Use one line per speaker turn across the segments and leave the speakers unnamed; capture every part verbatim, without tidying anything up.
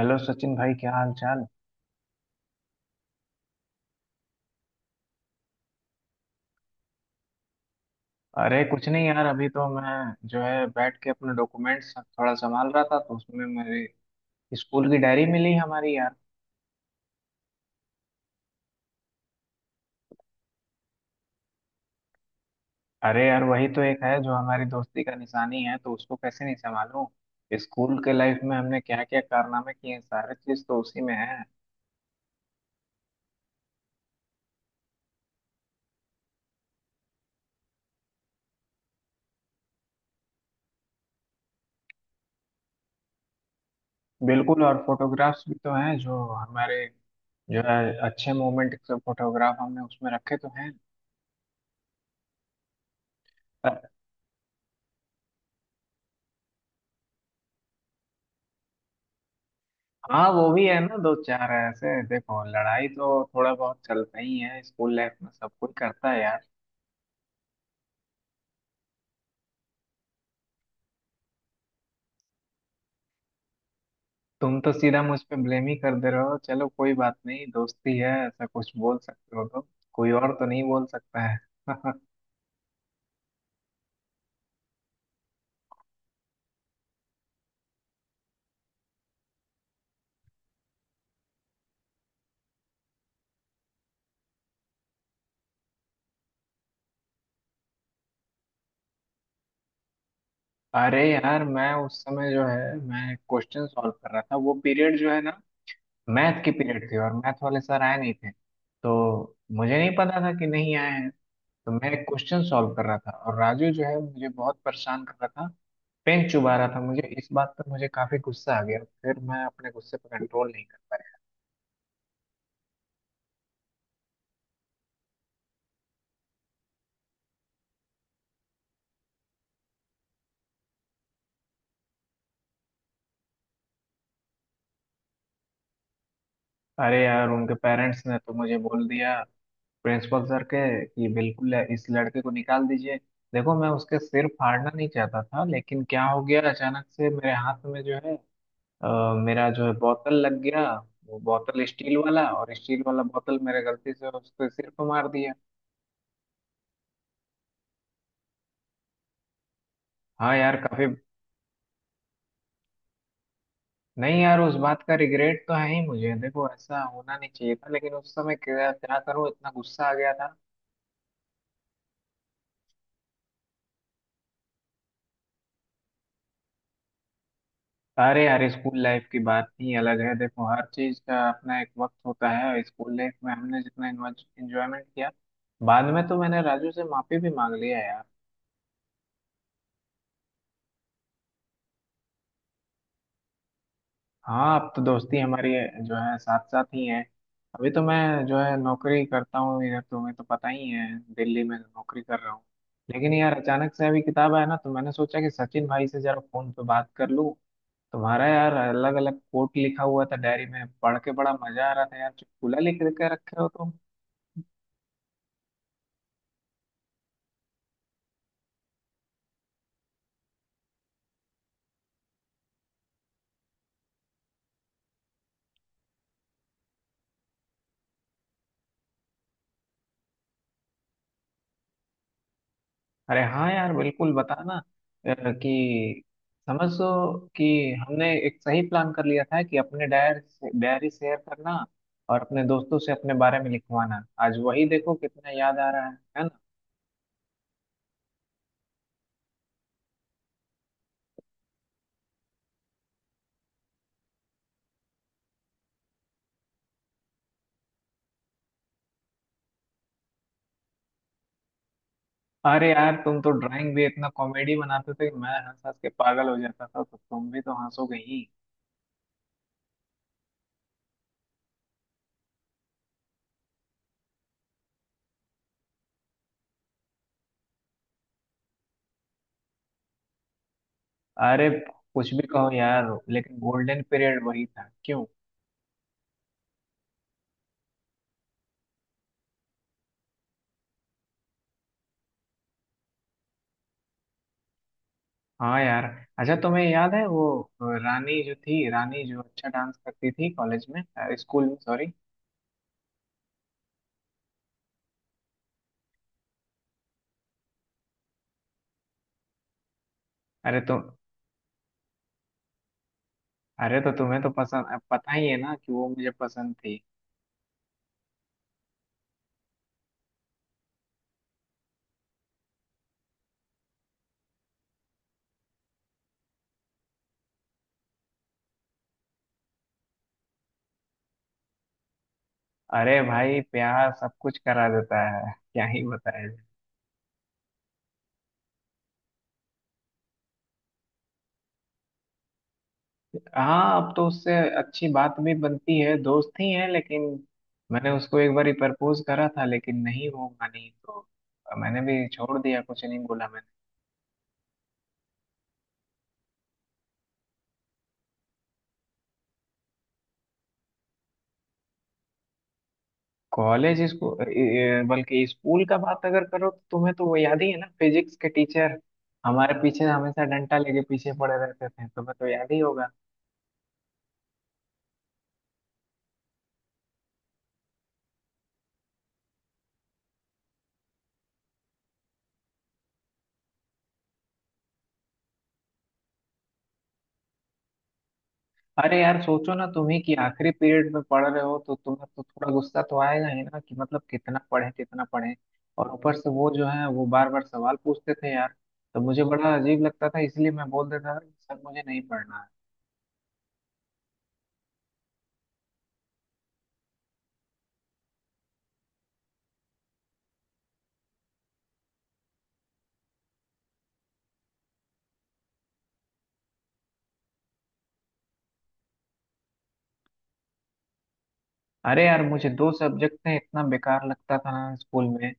Hello Sachin भाई क्या हाल चाल। अरे कुछ नहीं यार अभी तो मैं जो है बैठ के अपने डॉक्यूमेंट्स थोड़ा संभाल रहा था तो उसमें मेरी स्कूल की डायरी मिली हमारी यार। अरे यार वही तो एक है जो हमारी दोस्ती का निशानी है तो उसको कैसे नहीं संभालूं। स्कूल के लाइफ में हमने क्या क्या कारनामे किए हैं सारे चीज तो उसी में है। बिल्कुल और फोटोग्राफ्स भी तो हैं जो हमारे जो है अच्छे मोमेंट के फोटोग्राफ हमने उसमें रखे तो हैं। हाँ वो भी है ना दो चार ऐसे। देखो लड़ाई तो थोड़ा बहुत चलता ही है स्कूल लाइफ में सब कोई करता है यार। तुम तो सीधा मुझ पे ब्लेम ही कर दे रहे हो। चलो कोई बात नहीं दोस्ती है ऐसा कुछ बोल सकते हो तो कोई और तो नहीं बोल सकता है। अरे यार मैं उस समय जो है मैं क्वेश्चन सॉल्व कर रहा था वो पीरियड जो है ना मैथ की पीरियड थी और मैथ वाले सर आए नहीं थे। तो मुझे नहीं पता था कि नहीं आए हैं। तो मैं क्वेश्चन सॉल्व कर रहा था और राजू जो है मुझे बहुत परेशान कर रहा था पेन चुबा रहा था मुझे इस बात पर मुझे काफी गुस्सा आ गया फिर मैं अपने गुस्से पर कंट्रोल नहीं कर पाया। अरे यार उनके पेरेंट्स ने तो मुझे बोल दिया प्रिंसिपल सर के कि बिल्कुल इस लड़के को निकाल दीजिए। देखो मैं उसके सिर फाड़ना नहीं चाहता था लेकिन क्या हो गया अचानक से मेरे हाथ में जो है अ, मेरा जो है बोतल लग गया। वो बोतल स्टील वाला और स्टील वाला बोतल मेरे गलती से उसके सिर पर मार दिया। हाँ यार काफी। नहीं यार उस बात का रिग्रेट तो है ही मुझे। देखो ऐसा होना नहीं चाहिए था लेकिन उस समय क्या क्या करूं इतना गुस्सा आ गया था। अरे यार स्कूल लाइफ की बात ही अलग है। देखो हर चीज का अपना एक वक्त होता है और स्कूल लाइफ में हमने जितना एंजॉयमेंट किया। बाद में तो मैंने राजू से माफी भी मांग लिया यार। हाँ अब तो दोस्ती हमारी जो है साथ साथ ही है। अभी तो मैं जो है नौकरी करता हूँ इधर। तो तुम्हें तो पता ही है दिल्ली में नौकरी कर रहा हूँ। लेकिन यार अचानक से अभी किताब आया ना तो मैंने सोचा कि सचिन भाई से जरा फोन पे बात कर लूँ। तुम्हारा यार अलग अलग कोट लिखा हुआ था डायरी में पढ़ के बड़ा मजा आ रहा था यार। चुटकुला लिख के रखे हो तुम। अरे हाँ यार बिल्कुल बताना अ, कि समझो कि हमने एक सही प्लान कर लिया था कि अपने डायर से डायरी शेयर करना। और अपने दोस्तों से अपने बारे में लिखवाना आज वही देखो कितना याद आ रहा है है ना। अरे यार तुम तो ड्राइंग भी इतना कॉमेडी बनाते थे कि मैं हंस हंस के पागल हो जाता था तो तुम भी तो हंसोगे ही। अरे कुछ भी कहो यार लेकिन गोल्डन पीरियड वही था क्यों। हाँ यार। अच्छा तुम्हें याद है वो अ, रानी जो थी रानी जो अच्छा डांस करती थी कॉलेज में अ, स्कूल में सॉरी। अरे तो अरे तो तुम्हें तो पसंद अ, पता ही है ना कि वो मुझे पसंद थी। अरे भाई प्यार सब कुछ करा देता है क्या ही बताया जाए। हाँ अब तो उससे अच्छी बात भी बनती है दोस्त ही है लेकिन मैंने उसको एक बार प्रपोज करा था लेकिन नहीं वो मानी तो मैंने भी छोड़ दिया कुछ नहीं बोला। कॉलेज इसको ए- बल्कि स्कूल का बात अगर करो तो तुम्हें तो वो याद ही है ना फिजिक्स के टीचर हमारे पीछे हमेशा डंडा लेके पीछे पड़े रहते थे तुम्हें तो याद ही होगा। अरे यार सोचो ना तुम्ही कि आखिरी पीरियड में पढ़ रहे हो तो तुम्हें तो थोड़ा गुस्सा तो आएगा ही ना कि मतलब कितना पढ़े कितना पढ़े। और ऊपर से वो जो है वो बार बार सवाल पूछते थे यार। तो मुझे बड़ा अजीब लगता था इसलिए मैं बोल देता था कि सर मुझे नहीं पढ़ना। अरे यार मुझे दो सब्जेक्ट में इतना बेकार लगता था ना स्कूल में।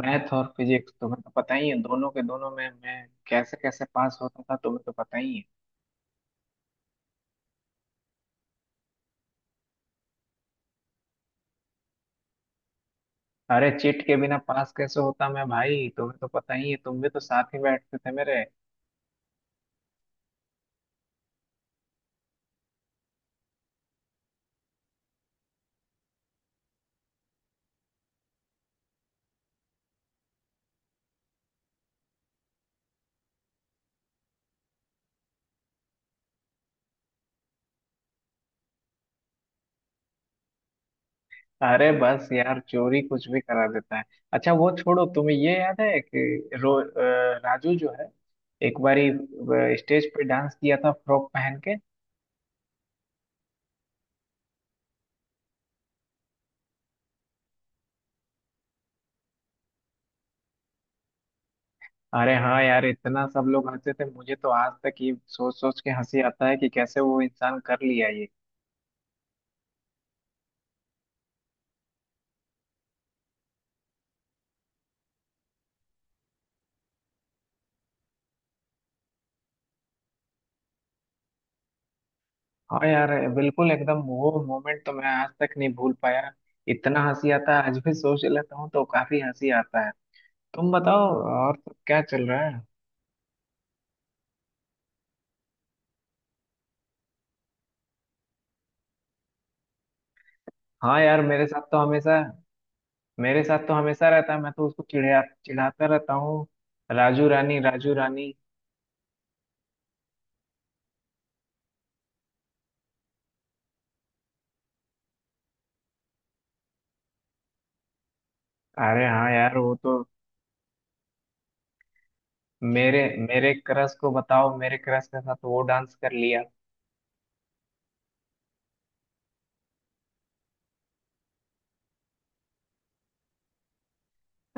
मैथ और फिजिक्स तुम्हें तो पता ही है दोनों के दोनों में मैं कैसे कैसे पास होता था तुम्हें तो पता ही है। अरे चिट के बिना पास कैसे होता मैं भाई तुम्हें तो पता ही है तुम भी तो साथ ही बैठते थे मेरे। अरे बस यार चोरी कुछ भी करा देता है। अच्छा वो छोड़ो तुम्हें ये याद है कि रो अ, राजू जो है एक बारी स्टेज पे डांस किया था फ्रॉक पहन के। अरे हाँ यार इतना सब लोग हंसे थे मुझे तो आज तक ये सोच सोच के हंसी आता है कि कैसे वो इंसान कर लिया ये। हाँ यार बिल्कुल एकदम वो मोमेंट तो मैं आज तक नहीं भूल पाया। इतना हंसी आता है आज भी सोच लेता हूँ तो काफी हंसी आता है। तुम बताओ और सब क्या चल रहा है। हाँ यार मेरे साथ तो हमेशा मेरे साथ तो हमेशा रहता है मैं तो उसको चिढ़ा चिढ़ाता रहता हूँ राजू रानी राजू रानी। अरे हाँ यार वो तो मेरे मेरे क्रश को बताओ मेरे क्रश के साथ वो डांस कर लिया।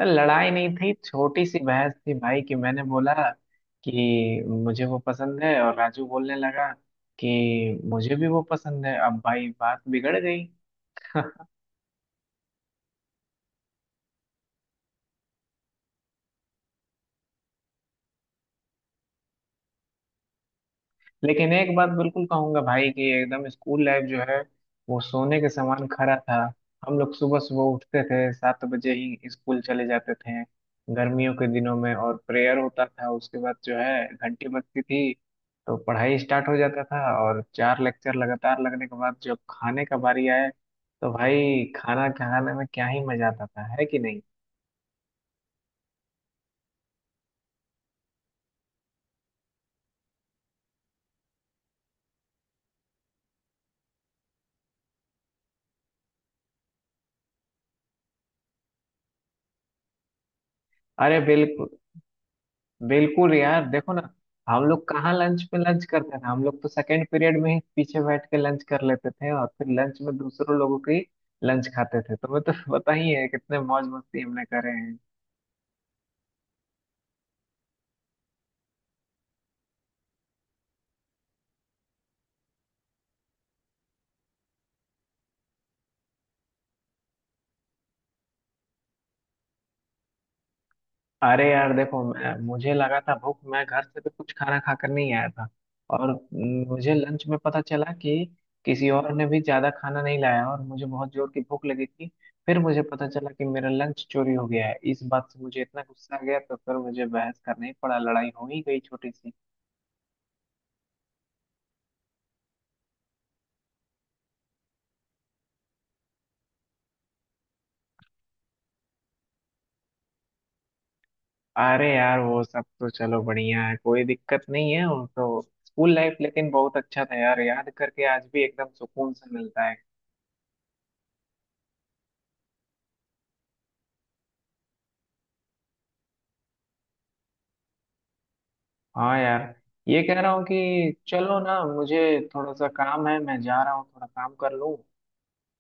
लड़ाई नहीं थी छोटी सी बहस थी भाई कि मैंने बोला कि मुझे वो पसंद है और राजू बोलने लगा कि मुझे भी वो पसंद है अब भाई बात बिगड़ गई। लेकिन एक बात बिल्कुल कहूंगा भाई कि एकदम स्कूल लाइफ जो है वो सोने के समान खरा था। हम लोग सुबह सुबह उठते थे सात बजे ही स्कूल चले जाते थे गर्मियों के दिनों में और प्रेयर होता था उसके बाद जो है घंटी बजती थी। तो पढ़ाई स्टार्ट हो जाता था और चार लेक्चर लगातार लगने के बाद जब खाने का बारी आए तो भाई खाना खाने में क्या ही मजा आता था है कि नहीं। अरे बिल्कुल बिल्कुल यार देखो ना। हम लोग कहाँ लंच पे लंच करते थे। हम लोग तो सेकंड पीरियड में ही पीछे बैठ के लंच कर लेते थे और फिर लंच में दूसरों लोगों की लंच खाते थे तुम्हें तो पता ही है कितने मौज मस्ती हमने करे हैं। अरे यार देखो मैं मुझे लगा था भूख मैं घर से तो कुछ खाना खाकर नहीं आया था। और म, मुझे लंच में पता चला कि किसी और ने भी ज्यादा खाना नहीं लाया और मुझे बहुत जोर की भूख लगी थी। फिर मुझे पता चला कि मेरा लंच चोरी हो गया है इस बात से मुझे इतना गुस्सा आ गया तो फिर मुझे बहस करना ही पड़ा लड़ाई हो ही गई छोटी सी। अरे यार वो सब तो चलो बढ़िया है कोई दिक्कत नहीं है वो तो। स्कूल लाइफ लेकिन बहुत अच्छा था यार याद करके आज भी एकदम सुकून सा मिलता है। हाँ यार। ये कह रहा हूँ कि चलो ना मुझे थोड़ा सा काम है मैं जा रहा हूँ थोड़ा काम कर लूँ।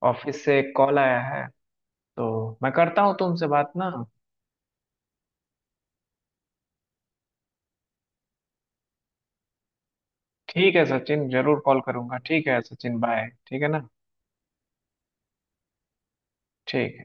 ऑफिस से एक कॉल आया है तो मैं करता हूँ तुमसे बात ना। ठीक है सचिन जरूर कॉल करूंगा। ठीक है सचिन बाय ठीक है ना। ठीक।